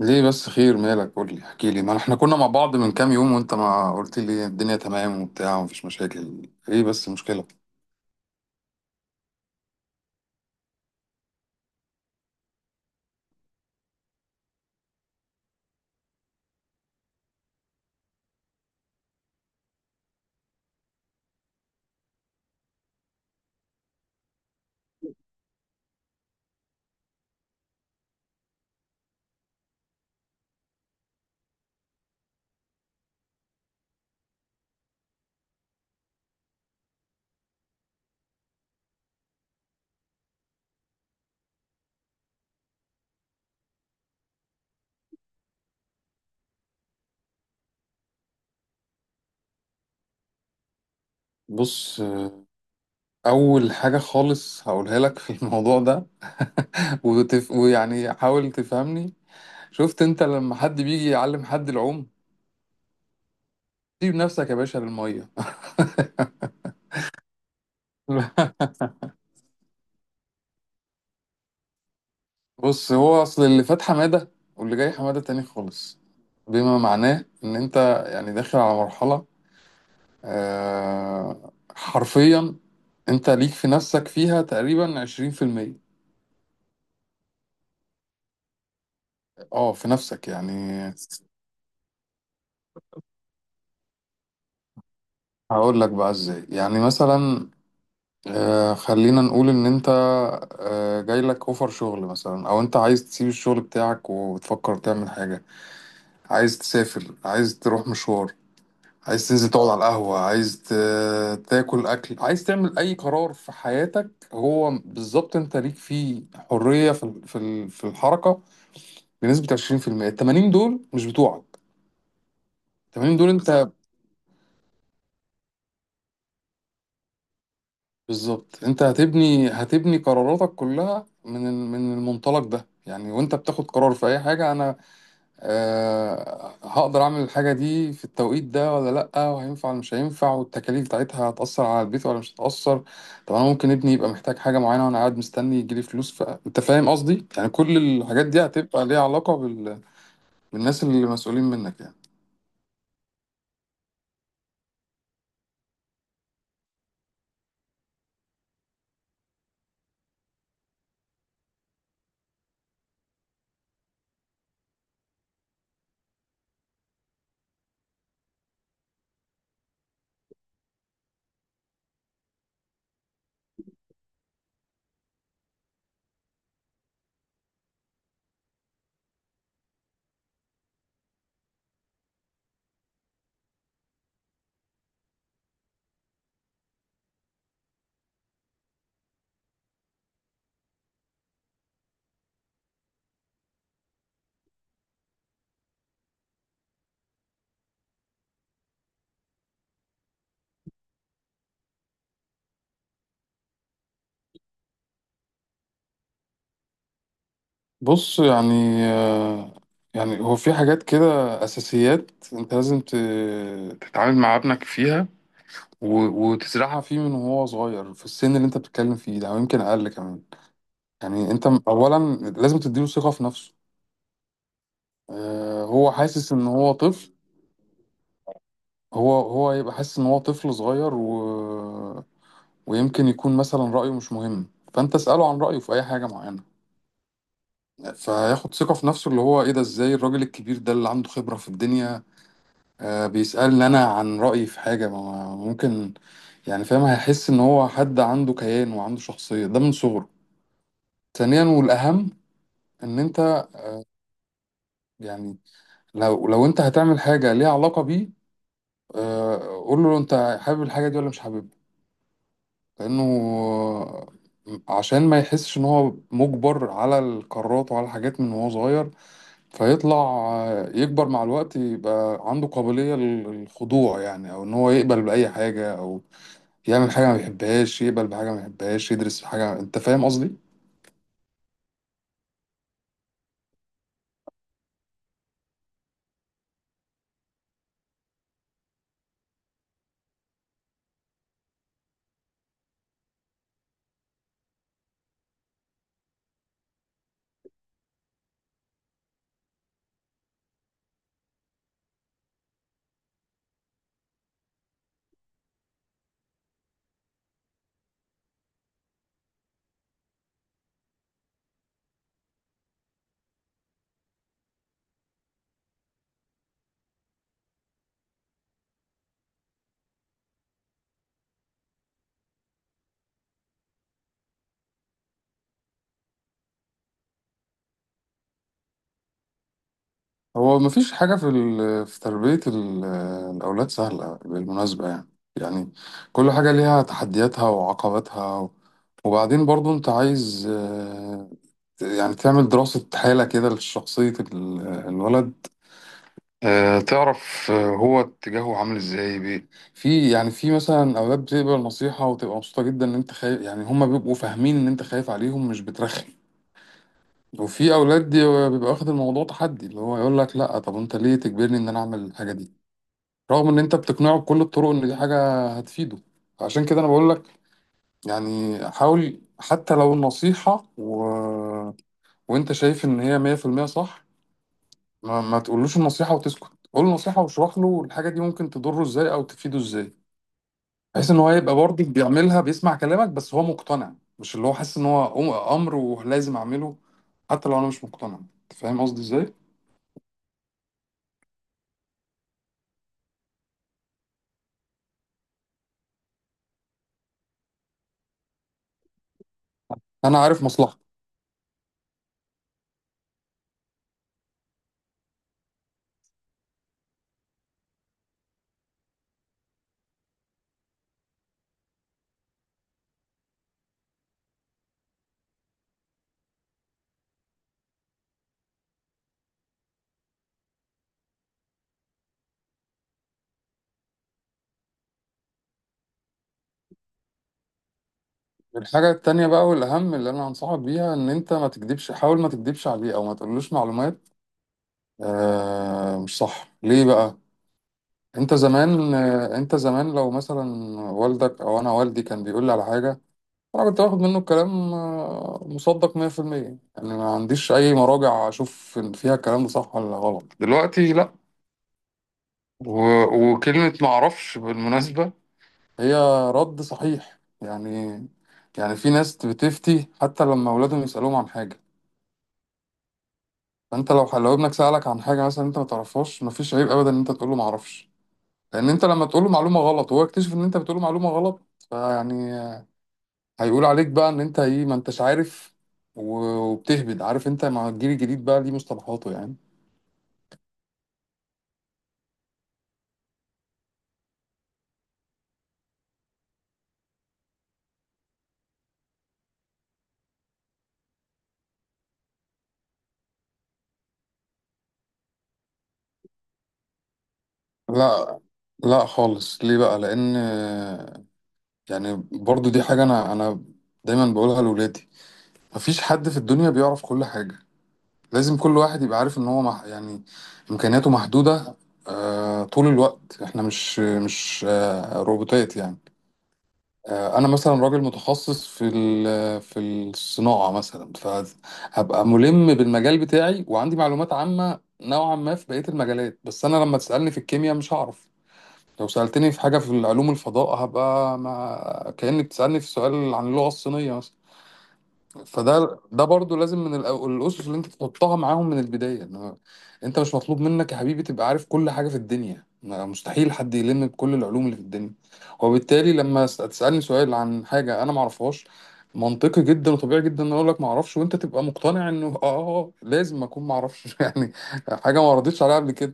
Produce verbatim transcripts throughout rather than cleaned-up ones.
ليه بس؟ خير، مالك؟ قول لي، احكي لي، ما احنا كنا مع بعض من كام يوم وانت ما قلت لي الدنيا تمام وبتاع ومفيش مشاكل. ايه بس مشكلة؟ بص، آه، اول حاجة خالص هقولها لك في الموضوع ده وتف... ويعني حاول تفهمني. شفت انت لما حد بيجي يعلم حد العوم؟ سيب نفسك يا باشا للمية. بص، هو اصل اللي فات حمادة، واللي جاي حمادة تاني خالص، بما معناه ان انت يعني داخل على مرحلة. آه، حرفيا انت ليك في نفسك فيها تقريبا عشرين في المية. اه، في نفسك يعني. هقول لك بقى ازاي. يعني مثلا آه، خلينا نقول ان انت آه، جايلك اوفر شغل مثلا، او انت عايز تسيب الشغل بتاعك وتفكر تعمل حاجة، عايز تسافر، عايز تروح مشوار، عايز تنزل تقعد على القهوة، عايز ت- تاكل اكل، عايز تعمل اي قرار في حياتك. هو بالظبط انت ليك فيه حرية في ال- في ال- في الحركة بنسبة عشرين في المية. ال التمانين دول مش بتوعك. تمانين دول انت بالظبط. انت هتبني هتبني قراراتك كلها من ال- من المنطلق ده. يعني وانت بتاخد قرار في اي حاجه، انا أه هقدر اعمل الحاجه دي في التوقيت ده ولا لا، وهينفع ولا مش هينفع، والتكاليف بتاعتها هتاثر على البيت ولا مش هتاثر. طب انا ممكن ابني يبقى محتاج حاجه معينه وانا قاعد مستني يجيلي فلوس. فانت فاهم قصدي؟ يعني كل الحاجات دي هتبقى ليها علاقه بال... بالناس اللي مسؤولين منك يعني. بص، يعني آه، يعني هو في حاجات كده، أساسيات أنت لازم ت- تتعامل مع ابنك فيها، و- وتزرعها فيه من وهو صغير، في السن اللي أنت بتتكلم فيه ده أو يمكن أقل كمان. يعني أنت م- أولا لازم تديله ثقة في نفسه. آه، هو حاسس إن هو طفل. هو هو هيبقى حاسس إن هو طفل صغير، و... ويمكن يكون مثلا رأيه مش مهم. فأنت اسأله عن رأيه في أي حاجة معينة، فياخد ثقة في نفسه. اللي هو، إيه ده؟ إزاي الراجل الكبير ده اللي عنده خبرة في الدنيا آه، بيسألني أنا عن رأيي في حاجة ما ما- ممكن؟ يعني فاهم؟ هيحس إن هو حد عنده كيان وعنده شخصية ده من صغره. ثانيا والأهم، إن أنت، يعني، لو لو أنت هتعمل حاجة ليها علاقة بيه، آه، قول له أنت حابب الحاجة دي ولا مش حاببها. لأنه آه، عشان ما يحسش إن هو مجبر على القرارات وعلى الحاجات من وهو صغير، فيطلع آه، يكبر مع الوقت يبقى عنده قابلية للخضوع. يعني أو إن هو يقبل بأي حاجة، أو يعمل حاجة ما بيحبهاش، يقبل بحاجة ما بيحبهاش، يدرس في حاجة. أنت فاهم قصدي؟ هو مفيش حاجة في ال... في تربية ال... الأولاد سهلة بالمناسبة يعني. يعني كل حاجة ليها تحدياتها وعقباتها. وبعدين برضو أنت عايز آه، يعني تعمل دراسة حالة كده لشخصية ال- الولد. آه، تعرف آه، هو اتجاهه عامل ازاي بي في. يعني في مثلا أولاد بتقبل نصيحة وتبقى مبسوطة جدا إن أنت خايف. يعني هما بيبقوا فاهمين إن أنت خايف عليهم، مش بترخم. وفي اولاد دي بيبقى واخد الموضوع تحدي، اللي هو يقول لك لا، طب انت ليه تجبرني ان انا اعمل الحاجه دي؟ رغم ان انت بتقنعه بكل الطرق ان دي حاجه هتفيده. عشان كده انا بقول لك يعني حاول، حتى لو النصيحه، و... وانت شايف ان هي مية في المية صح، ما, ما تقولوش النصيحه وتسكت. قول النصيحه واشرح له الحاجه دي ممكن تضره ازاي او تفيده ازاي، بحيث ان هو يبقى برضه بيعملها، بيسمع كلامك بس هو مقتنع، مش اللي هو حاسس ان هو امر ولازم اعمله حتى لو انا مش مقتنع. أنت فاهم قصدي ازاي؟ انا عارف مصلحتك. الحاجه التانية بقى، والاهم، اللي انا هنصحك بيها، ان انت ما تكدبش. حاول ما تكدبش عليه او ما تقولوش معلومات آه مش صح. ليه بقى؟ انت زمان آه انت زمان لو مثلا والدك او انا والدي كان بيقول لي على حاجه، انا كنت باخد منه الكلام آه مصدق مئة في المئة. يعني ما عنديش اي مراجع اشوف إن فيها الكلام ده صح ولا غلط. دلوقتي لا. و... وكلمه ما اعرفش بالمناسبه هي رد صحيح يعني. يعني في ناس بتفتي حتى لما اولادهم يسالوهم عن حاجه. فانت لو لو ابنك سالك عن حاجه مثلا انت ما تعرفهاش، مفيش عيب ابدا ان انت تقول له ما اعرفش. لان انت لما تقول له معلومه غلط وهو يكتشف ان انت بتقول له معلومه غلط، فيعني هيقول عليك بقى ان انت ايه، ما انتش عارف و- وبتهبد. عارف انت مع الجيل الجديد بقى ليه مصطلحاته يعني. لا، لا خالص. ليه بقى؟ لان يعني برضو دي حاجه انا انا دايما بقولها لاولادي. مفيش حد في الدنيا بيعرف كل حاجه. لازم كل واحد يبقى عارف ان هو مح... يعني امكانياته محدوده. آه طول الوقت احنا مش مش آه روبوتات يعني. آه انا مثلا راجل متخصص في ال... في الصناعه مثلا، فهبقى ملم بالمجال بتاعي وعندي معلومات عامه نوعا ما في بقيه المجالات، بس انا لما تسالني في الكيمياء مش هعرف. لو سالتني في حاجه في علوم الفضاء هبقى، ما... كانك بتسالني في سؤال عن اللغه الصينيه مثلا. فده، ده برضو لازم من الأو- الاسس اللي انت تحطها معاهم من البدايه، ان هو، انت مش مطلوب منك يا حبيبي تبقى عارف كل حاجه في الدنيا. ما- مستحيل حد يلم بكل العلوم اللي في الدنيا. وبالتالي لما س- تسالني سؤال عن حاجه انا ما اعرفهاش، منطقي جدا وطبيعي جدا ان اقول لك ما اعرفش، وانت تبقى مقتنع انه، اه آه، آه، لازم اكون ما اعرفش. يعني حاجه ما ردتش عليها قبل كده.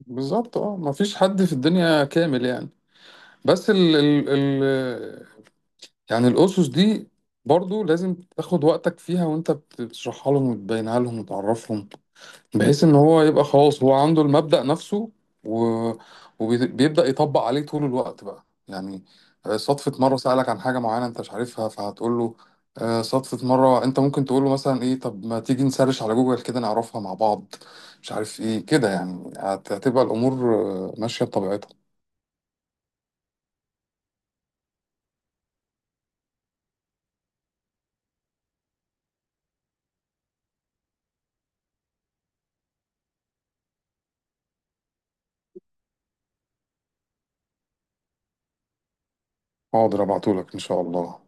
بالظبط اه، ما فيش حد في الدنيا كامل يعني. بس ال ال يعني الأسس دي برضو لازم تاخد وقتك فيها وانت بتشرحها لهم وتبينها لهم وتعرفهم، بحيث ان هو يبقى خلاص هو عنده المبدأ نفسه، و... وبيبدأ يطبق عليه طول الوقت بقى يعني. آه، صدفة مرة سألك عن حاجة معينة انت مش عارفها فهتقول له. آه، صدفة مرة انت ممكن تقول له مثلا ايه، طب ما تيجي نسرش على جوجل كده نعرفها مع بعض، مش عارف ايه كده يعني. هت- هتبقى الأمور آه، ماشية بطبيعتها. حاضر، ابعتهولك ان شاء الله.